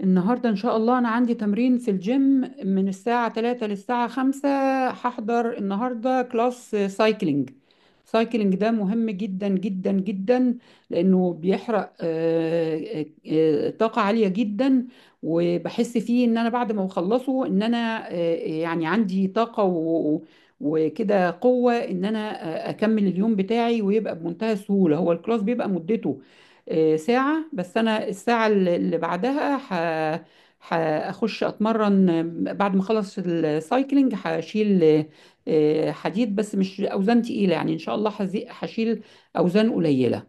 النهاردة إن شاء الله أنا عندي تمرين في الجيم من الساعة 3 للساعة 5. هحضر النهاردة كلاس سايكلينج. سايكلينج ده مهم جدا جدا جدا لأنه بيحرق طاقة عالية جدا. وبحس فيه إن أنا بعد ما بخلصه إن أنا يعني عندي طاقة وكده قوة إن أنا أكمل اليوم بتاعي ويبقى بمنتهى السهولة. هو الكلاس بيبقى مدته ساعة، بس أنا الساعة اللي بعدها هخش أتمرن. بعد ما أخلص السايكلينج هشيل حديد، بس مش أوزان تقيلة، يعني إن شاء الله هشيل أوزان قليلة.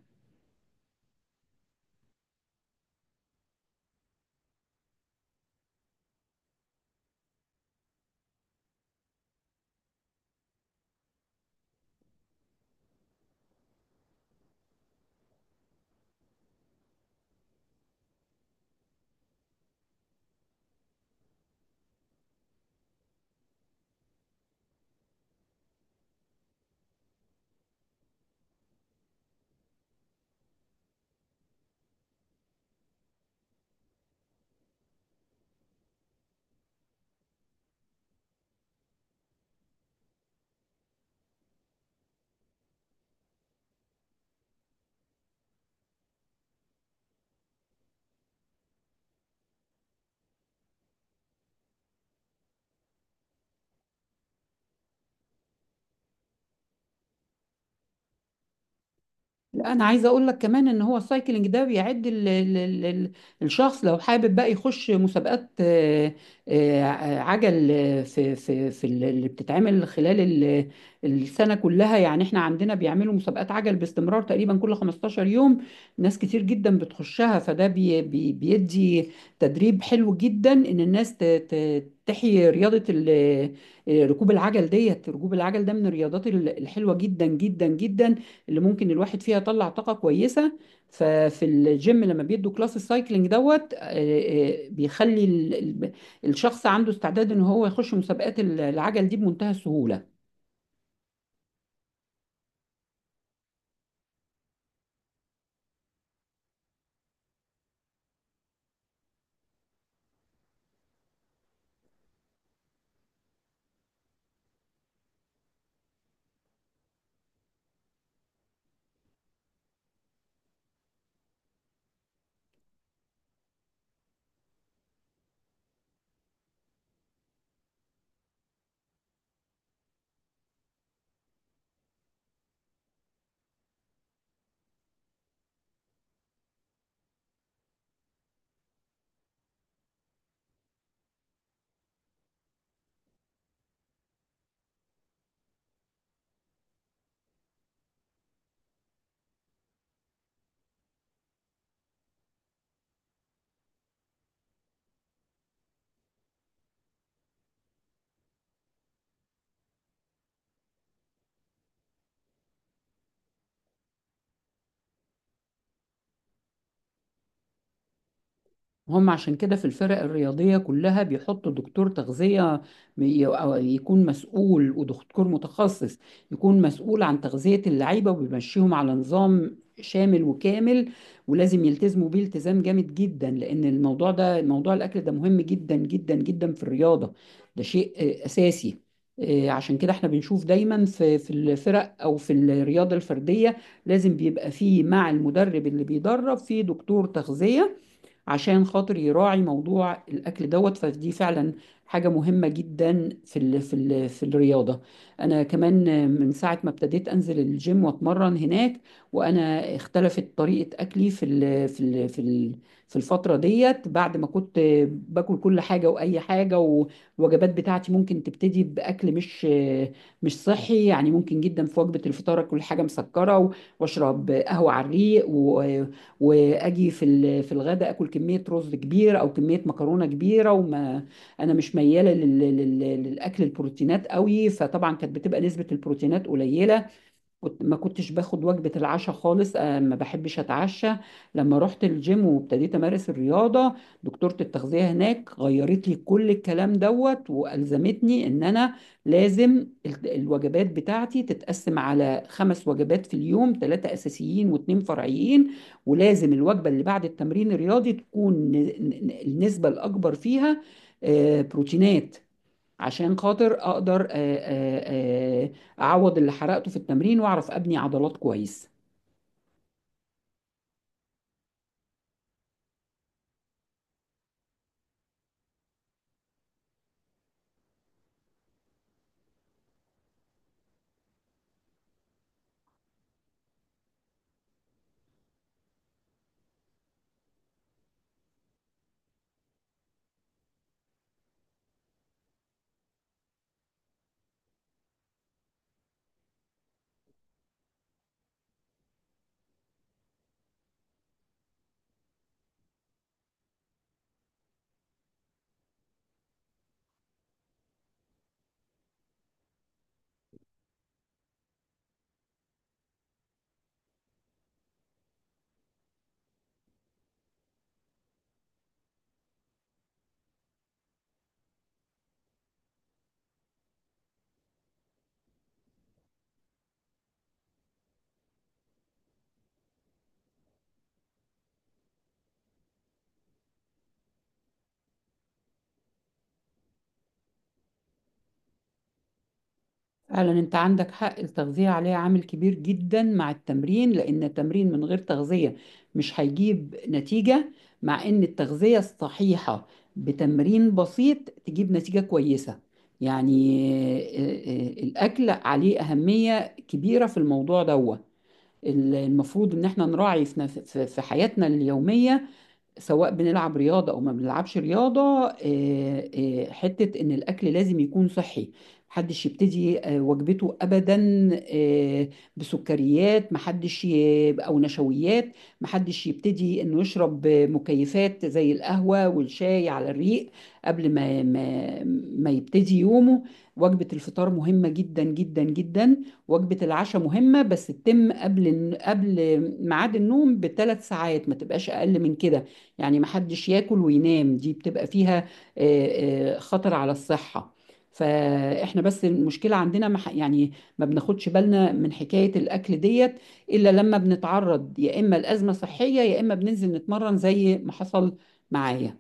لا، انا عايزه اقول لك كمان ان هو السايكلينج ده بيعد الشخص لو حابب بقى يخش مسابقات آه، عجل اللي بتتعمل خلال السنه كلها. يعني احنا عندنا بيعملوا مسابقات عجل باستمرار تقريبا كل 15 يوم. ناس كتير جدا بتخشها، فده بي بي بيدي تدريب حلو جدا ان الناس تحيي رياضه ركوب العجل. ديت ركوب العجل ده من الرياضات الحلوه جدا جدا جدا اللي ممكن الواحد فيها يطلع طاقة كويسة. ففي الجيم لما بيدوا كلاس السايكلينج دوت بيخلي ال- الشخص عنده استعداد ان هو يخش مسابقات العجل دي بمنتهى السهولة. هم عشان كده في الفرق الرياضية كلها بيحطوا دكتور تغذية، أو يكون مسؤول، ودكتور متخصص يكون مسؤول عن تغذية اللعيبة وبيمشيهم على نظام شامل وكامل، ولازم يلتزموا بيه التزام جامد جدا، لأن الموضوع ده، موضوع الأكل ده، مهم جدا جدا جدا في الرياضة. ده شيء أساسي. عشان كده احنا بنشوف دايما في الفرق او في الرياضة الفردية لازم بيبقى فيه مع المدرب اللي بيدرب فيه دكتور تغذية، عشان خاطر يراعي موضوع الاكل دوت. فدي فعلا حاجه مهمه جدا في الرياضه. انا كمان من ساعه ما ابتديت انزل الجيم واتمرن هناك، وانا اختلفت طريقه اكلي في الفتره ديت. بعد ما كنت باكل كل حاجه واي حاجه، والوجبات بتاعتي ممكن تبتدي باكل مش صحي. يعني ممكن جدا في وجبه الفطار اكل حاجه مسكره واشرب قهوه على الريق، واجي في الغداء اكل كميه رز كبيره او كميه مكرونه كبيره، انا مش مياله للاكل البروتينات قوي، فطبعا كانت بتبقى نسبه البروتينات قليله. كنت ما كنتش باخد وجبة العشاء خالص، ما بحبش اتعشى. لما رحت الجيم وابتديت امارس الرياضة، دكتورة التغذية هناك غيرت لي كل الكلام دوت، والزمتني ان انا لازم الوجبات بتاعتي تتقسم على 5 وجبات في اليوم، 3 اساسيين واتنين فرعيين، ولازم الوجبة اللي بعد التمرين الرياضي تكون النسبة الاكبر فيها بروتينات، عشان خاطر اقدر اعوض اللي حرقته في التمرين واعرف ابني عضلات كويس. فعلا انت عندك حق، التغذية عليها عامل كبير جدا مع التمرين، لان التمرين من غير تغذية مش هيجيب نتيجة، مع ان التغذية الصحيحة بتمرين بسيط تجيب نتيجة كويسة. يعني الاكل عليه اهمية كبيرة في الموضوع ده. المفروض ان احنا نراعي في حياتنا اليومية، سواء بنلعب رياضة أو ما بنلعبش رياضة، حتة إن الأكل لازم يكون صحي. محدش يبتدي وجبته أبدا بسكريات، محدش أو نشويات، محدش يبتدي إنه يشرب مكيفات زي القهوة والشاي على الريق قبل ما يبتدي يومه. وجبة الفطار مهمة جدا جدا جدا، وجبة العشاء مهمة بس تتم قبل ميعاد النوم بـ3 ساعات، ما تبقاش أقل من كده. يعني محدش ياكل وينام، دي بتبقى فيها خطر على الصحة. فاحنا بس المشكلة عندنا يعني ما بناخدش بالنا من حكاية الأكل ديت إلا لما بنتعرض يا إما لأزمة صحية يا إما بننزل نتمرن زي ما حصل معايا.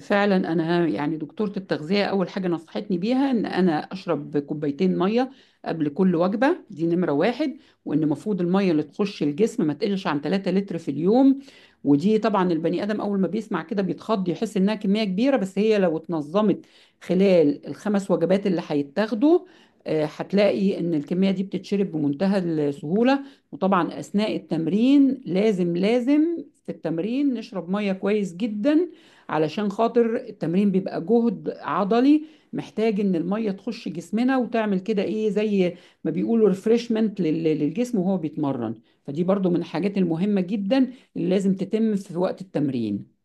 فعلا انا يعني دكتوره التغذيه اول حاجه نصحتني بيها ان انا اشرب كوبايتين ميه قبل كل وجبه، دي نمره واحد. وان المفروض الميه اللي تخش الجسم ما تقلش عن 3 لتر في اليوم. ودي طبعا البني ادم اول ما بيسمع كده بيتخض، يحس انها كميه كبيره، بس هي لو اتنظمت خلال الـ5 وجبات اللي هيتاخدوا، هتلاقي ان الكميه دي بتتشرب بمنتهى السهوله. وطبعا اثناء التمرين، لازم في التمرين نشرب ميه كويس جدا، علشان خاطر التمرين بيبقى جهد عضلي محتاج ان الميه تخش جسمنا وتعمل كده ايه زي ما بيقولوا ريفرشمنت للجسم وهو بيتمرن. فدي برضو من الحاجات المهمة جدا اللي لازم تتم في وقت التمرين.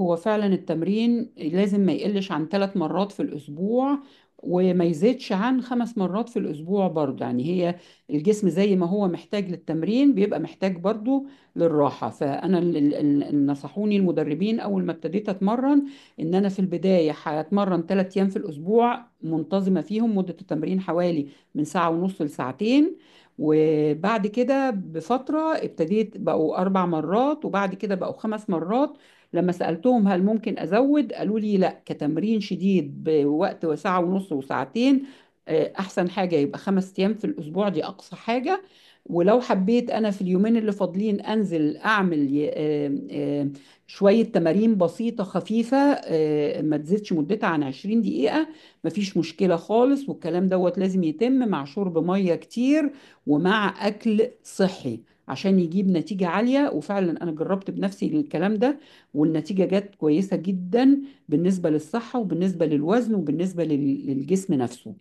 هو فعلا التمرين لازم ما يقلش عن 3 مرات في الأسبوع وما يزيدش عن 5 مرات في الأسبوع برضه. يعني هي الجسم زي ما هو محتاج للتمرين بيبقى محتاج برضه للراحة. فأنا نصحوني المدربين أول ما ابتديت أتمرن إن أنا في البداية هتمرن 3 أيام في الأسبوع منتظمة، فيهم مدة التمرين حوالي من ساعة ونص لساعتين، وبعد كده بفترة ابتديت بقوا 4 مرات، وبعد كده بقوا 5 مرات. لما سألتهم هل ممكن أزود قالوا لي لا، كتمرين شديد بوقت ساعة ونص وساعتين أحسن حاجة يبقى 5 أيام في الأسبوع، دي أقصى حاجة. ولو حبيت أنا في اليومين اللي فاضلين أنزل أعمل شوية تمارين بسيطة خفيفة ما تزيدش مدتها عن 20 دقيقة، مفيش مشكلة خالص. والكلام دوت لازم يتم مع شرب مية كتير ومع أكل صحي عشان يجيب نتيجة عالية. وفعلا أنا جربت بنفسي الكلام ده، والنتيجة جت كويسة جدا بالنسبة للصحة وبالنسبة للوزن وبالنسبة للجسم نفسه.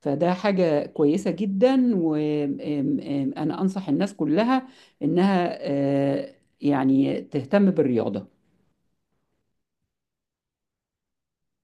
فده حاجة كويسة جدا، وأنا أنصح الناس كلها إنها يعني تهتم بالرياضة.